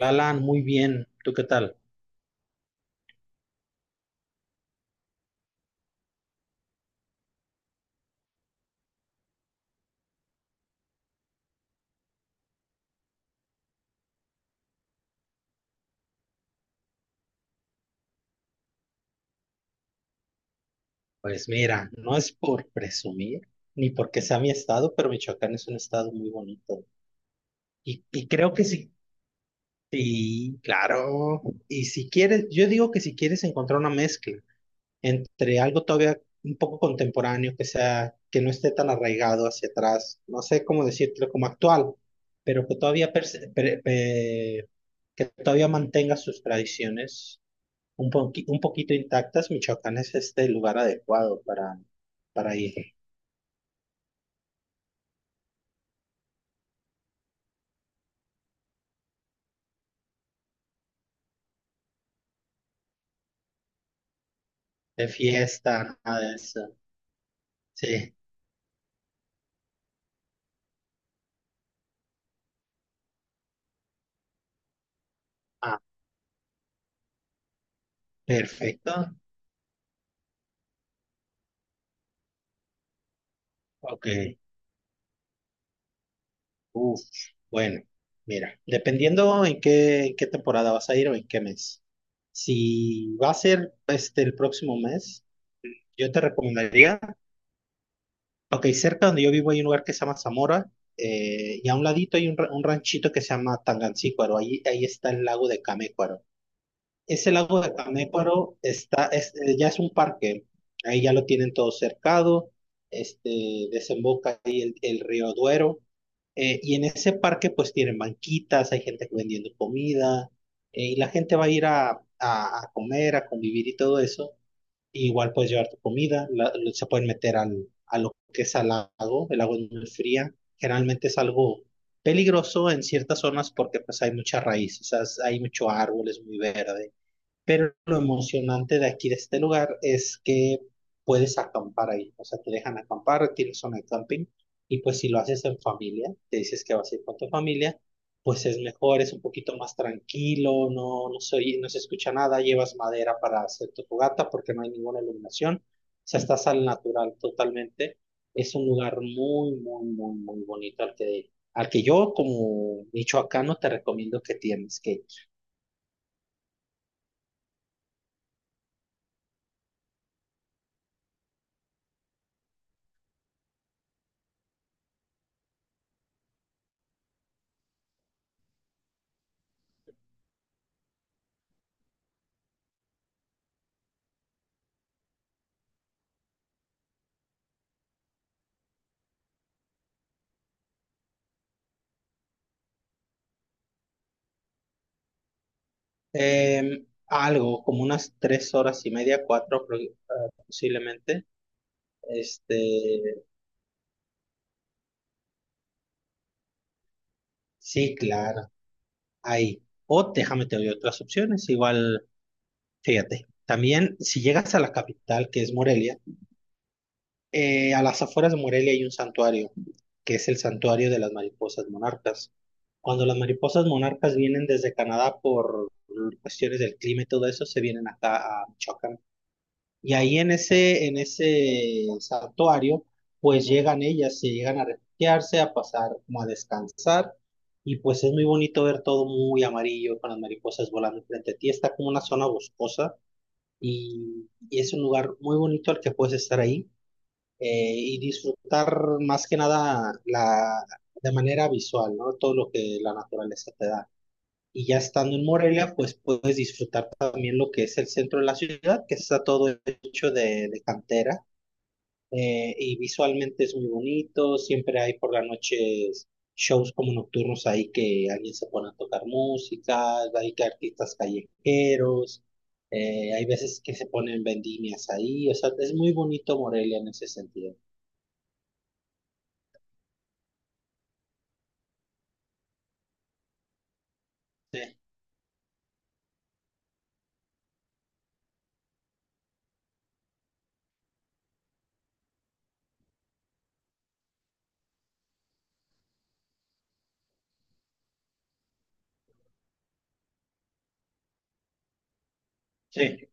Alan, muy bien. ¿Tú qué tal? Pues mira, no es por presumir ni porque sea mi estado, pero Michoacán es un estado muy bonito. Y creo que sí. Sí, claro. Y si quieres, yo digo que si quieres encontrar una mezcla entre algo todavía un poco contemporáneo, que sea, que no esté tan arraigado hacia atrás, no sé cómo decirlo, como actual, pero que todavía que todavía mantenga sus tradiciones un, un poquito intactas. Michoacán es este lugar adecuado para ir de fiesta, nada de eso. Sí. Ah, perfecto. Ok. Uf, bueno, mira, dependiendo en qué temporada vas a ir o en qué mes. Si va a ser este el próximo mes, yo te recomendaría, ok, cerca donde yo vivo hay un lugar que se llama Zamora. Y a un ladito hay un, un ranchito que se llama Tangancícuaro. Ahí está el lago de Camécuaro. Ese lago de Caméparo ya es un parque, ahí ya lo tienen todo cercado, este, desemboca ahí el río Duero, y en ese parque pues tienen banquitas, hay gente vendiendo comida, y la gente va a ir a comer, a convivir y todo eso, igual puedes llevar tu comida, se pueden meter a lo que es al lago. El agua es muy fría, generalmente es algo peligroso en ciertas zonas porque pues hay mucha raíz, o sea, hay mucho árbol, es muy verde, pero lo emocionante de aquí, de este lugar, es que puedes acampar ahí. O sea, te dejan acampar, tienes zona de camping. Y pues si lo haces en familia, te dices que vas a ir con tu familia, pues es mejor, es un poquito más tranquilo, no, no se escucha nada. Llevas madera para hacer tu fogata porque no hay ninguna iluminación. O sea, estás al natural totalmente. Es un lugar muy, muy, muy, muy bonito al que yo como michoacano te recomiendo que tienes que. Algo, como unas tres horas y media, posiblemente. Este, sí, claro, ahí. O déjame te doy otras opciones, igual, fíjate. También, si llegas a la capital, que es Morelia, a las afueras de Morelia hay un santuario, que es el santuario de las mariposas monarcas. Cuando las mariposas monarcas vienen desde Canadá por cuestiones del clima y todo eso, se vienen acá a Michoacán. Y ahí en ese santuario, pues llegan ellas, se llegan a refugiarse, a pasar como a descansar. Y pues es muy bonito ver todo muy amarillo, con las mariposas volando frente a ti. Está como una zona boscosa y es un lugar muy bonito al que puedes estar ahí, y disfrutar más que nada la, de manera visual, ¿no? Todo lo que la naturaleza te da. Y ya estando en Morelia, pues puedes disfrutar también lo que es el centro de la ciudad, que está todo hecho de cantera, y visualmente es muy bonito. Siempre hay por las noches shows como nocturnos ahí, que alguien se pone a tocar música, hay que artistas callejeros, hay veces que se ponen vendimias ahí, o sea, es muy bonito Morelia en ese sentido. Sí, sí.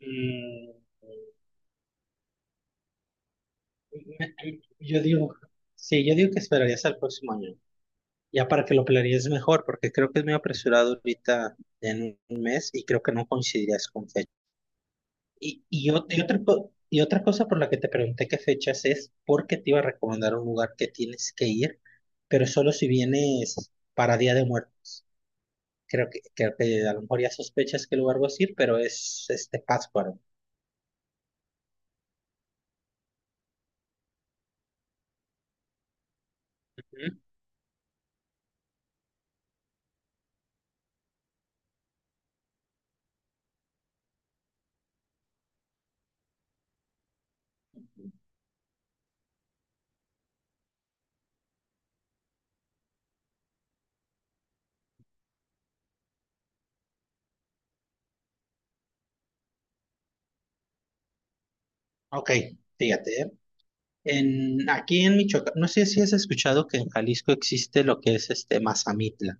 Mm, yo digo, sí, yo digo que esperarías al próximo año. Ya para que lo planees mejor, porque creo que es muy apresurado ahorita en un mes y creo que no coincidirías con fecha. Y otra, y otra cosa por la que te pregunté qué fechas es, porque te iba a recomendar un lugar que tienes que ir, pero solo si vienes para Día de Muertos. Creo que a lo mejor ya sospechas qué lugar vas a ir, pero es este Pátzcuaro. Ujú. Ok, fíjate, ¿eh? Aquí en Michoacán, no sé si has escuchado que en Jalisco existe lo que es este Mazamitla.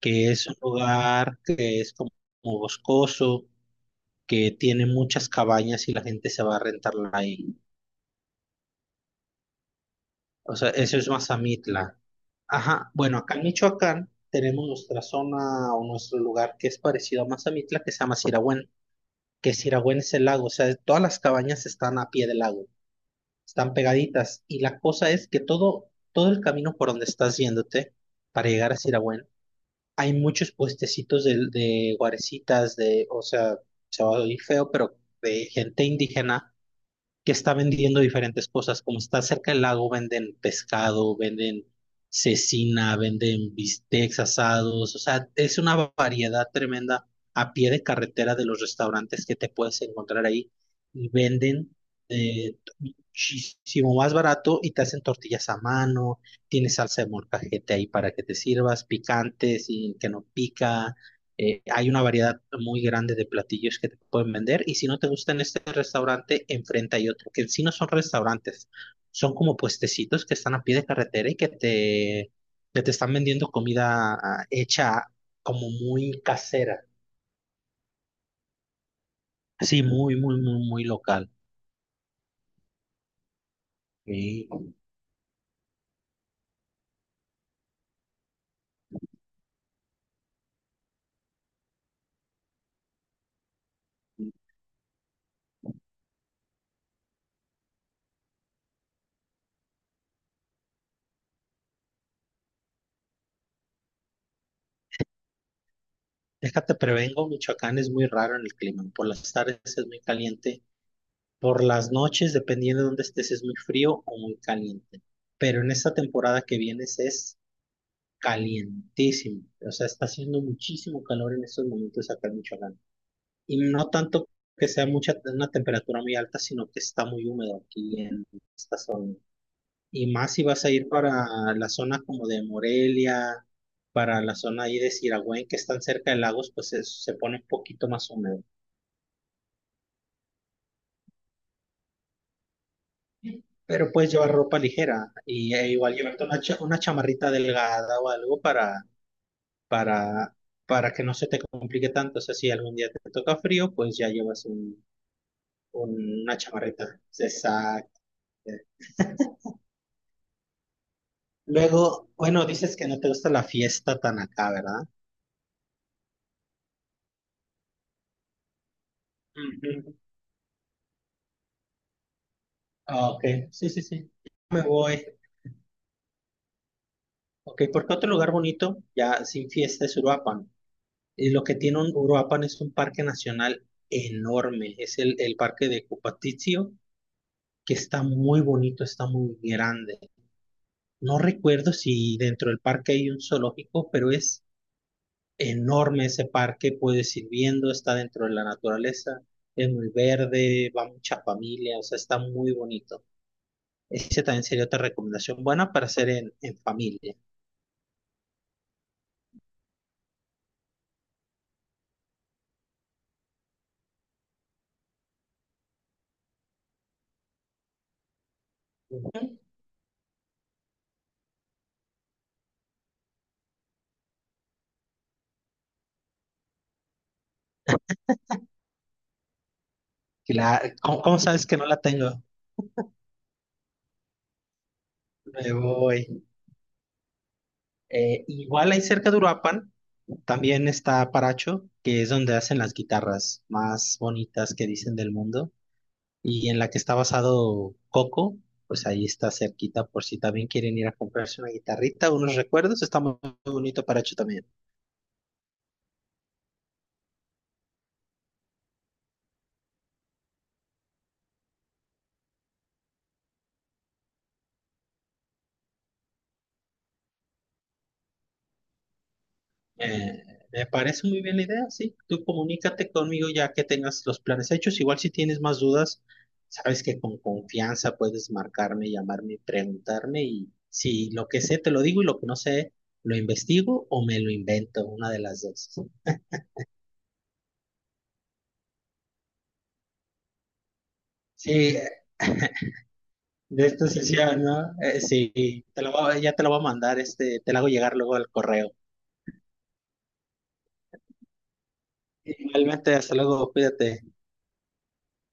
Que es un lugar que es como boscoso, que tiene muchas cabañas y la gente se va a rentarla ahí. O sea, eso es Mazamitla. Ajá, bueno, acá en Michoacán tenemos nuestra zona o nuestro lugar que es parecido a Mazamitla, que se llama Siragüen, que Siragüen es el lago, o sea, todas las cabañas están a pie del lago, están pegaditas, y la cosa es que todo, todo el camino por donde estás yéndote para llegar a Siragüen hay muchos puestecitos de guarecitas, de, o sea, se va a oír feo, pero de gente indígena que está vendiendo diferentes cosas. Como está cerca del lago, venden pescado, venden cecina, venden bistecs asados. O sea, es una variedad tremenda a pie de carretera de los restaurantes que te puedes encontrar ahí. Y venden eh, muchísimo más barato y te hacen tortillas a mano, tienes salsa de molcajete ahí para que te sirvas, picantes y que no pica. Hay una variedad muy grande de platillos que te pueden vender, y si no te gusta en este restaurante, enfrente hay otro, que en sí no son restaurantes, son como puestecitos que están a pie de carretera y que te están vendiendo comida hecha como muy casera, sí muy, muy, muy, muy local. Sí. Déjate, prevengo, Michoacán es muy raro en el clima. Por las tardes es muy caliente, por las noches, dependiendo de dónde estés, es muy frío o muy caliente. Pero en esta temporada que vienes es calientísimo. O sea, está haciendo muchísimo calor en estos momentos acá en Michoacán. Y no tanto que sea mucha, una temperatura muy alta, sino que está muy húmedo aquí en esta zona. Y más si vas a ir para la zona como de Morelia, para la zona ahí de Siragüen, que están cerca de lagos, pues se pone un poquito más húmedo. Pero puedes llevar ropa ligera y igual llevarte una, una chamarrita delgada o algo para, para que no se te complique tanto. O sea, si algún día te toca frío, pues ya llevas una chamarrita. Exacto. Luego, bueno, dices que no te gusta la fiesta tan acá, ¿verdad? Ujú. Ah, ok, sí, sí, sí. Me voy. Ok, porque otro lugar bonito, ya sin fiesta, es Uruapan. Y lo que tiene un Uruapan es un parque nacional enorme. Es el parque de Cupatizio, que está muy bonito, está muy grande. No recuerdo si dentro del parque hay un zoológico, pero es enorme ese parque. Puedes ir viendo, está dentro de la naturaleza, es muy verde, va mucha familia, o sea, está muy bonito. Ese también sería otra recomendación buena para hacer en familia. Ujú. ¿Cómo, cómo sabes que no la tengo? Me voy. Igual ahí cerca de Uruapan también está Paracho, que es donde hacen las guitarras más bonitas que dicen del mundo, y en la que está basado Coco, pues ahí está cerquita por si también quieren ir a comprarse una guitarrita, unos recuerdos, está muy bonito Paracho también. Eh, Me parece muy bien la idea, sí. Tú comunícate conmigo ya que tengas los planes hechos. Igual si tienes más dudas, sabes que con confianza puedes marcarme, llamarme, y preguntarme, y si lo que sé te lo digo, y lo que no sé lo investigo o me lo invento, una de las dos. Sí, de esta sesión, ¿no? Sí, te lo voy a- ya te lo voy a mandar, este, te lo hago llegar luego al correo. Igualmente, hasta luego, cuídate.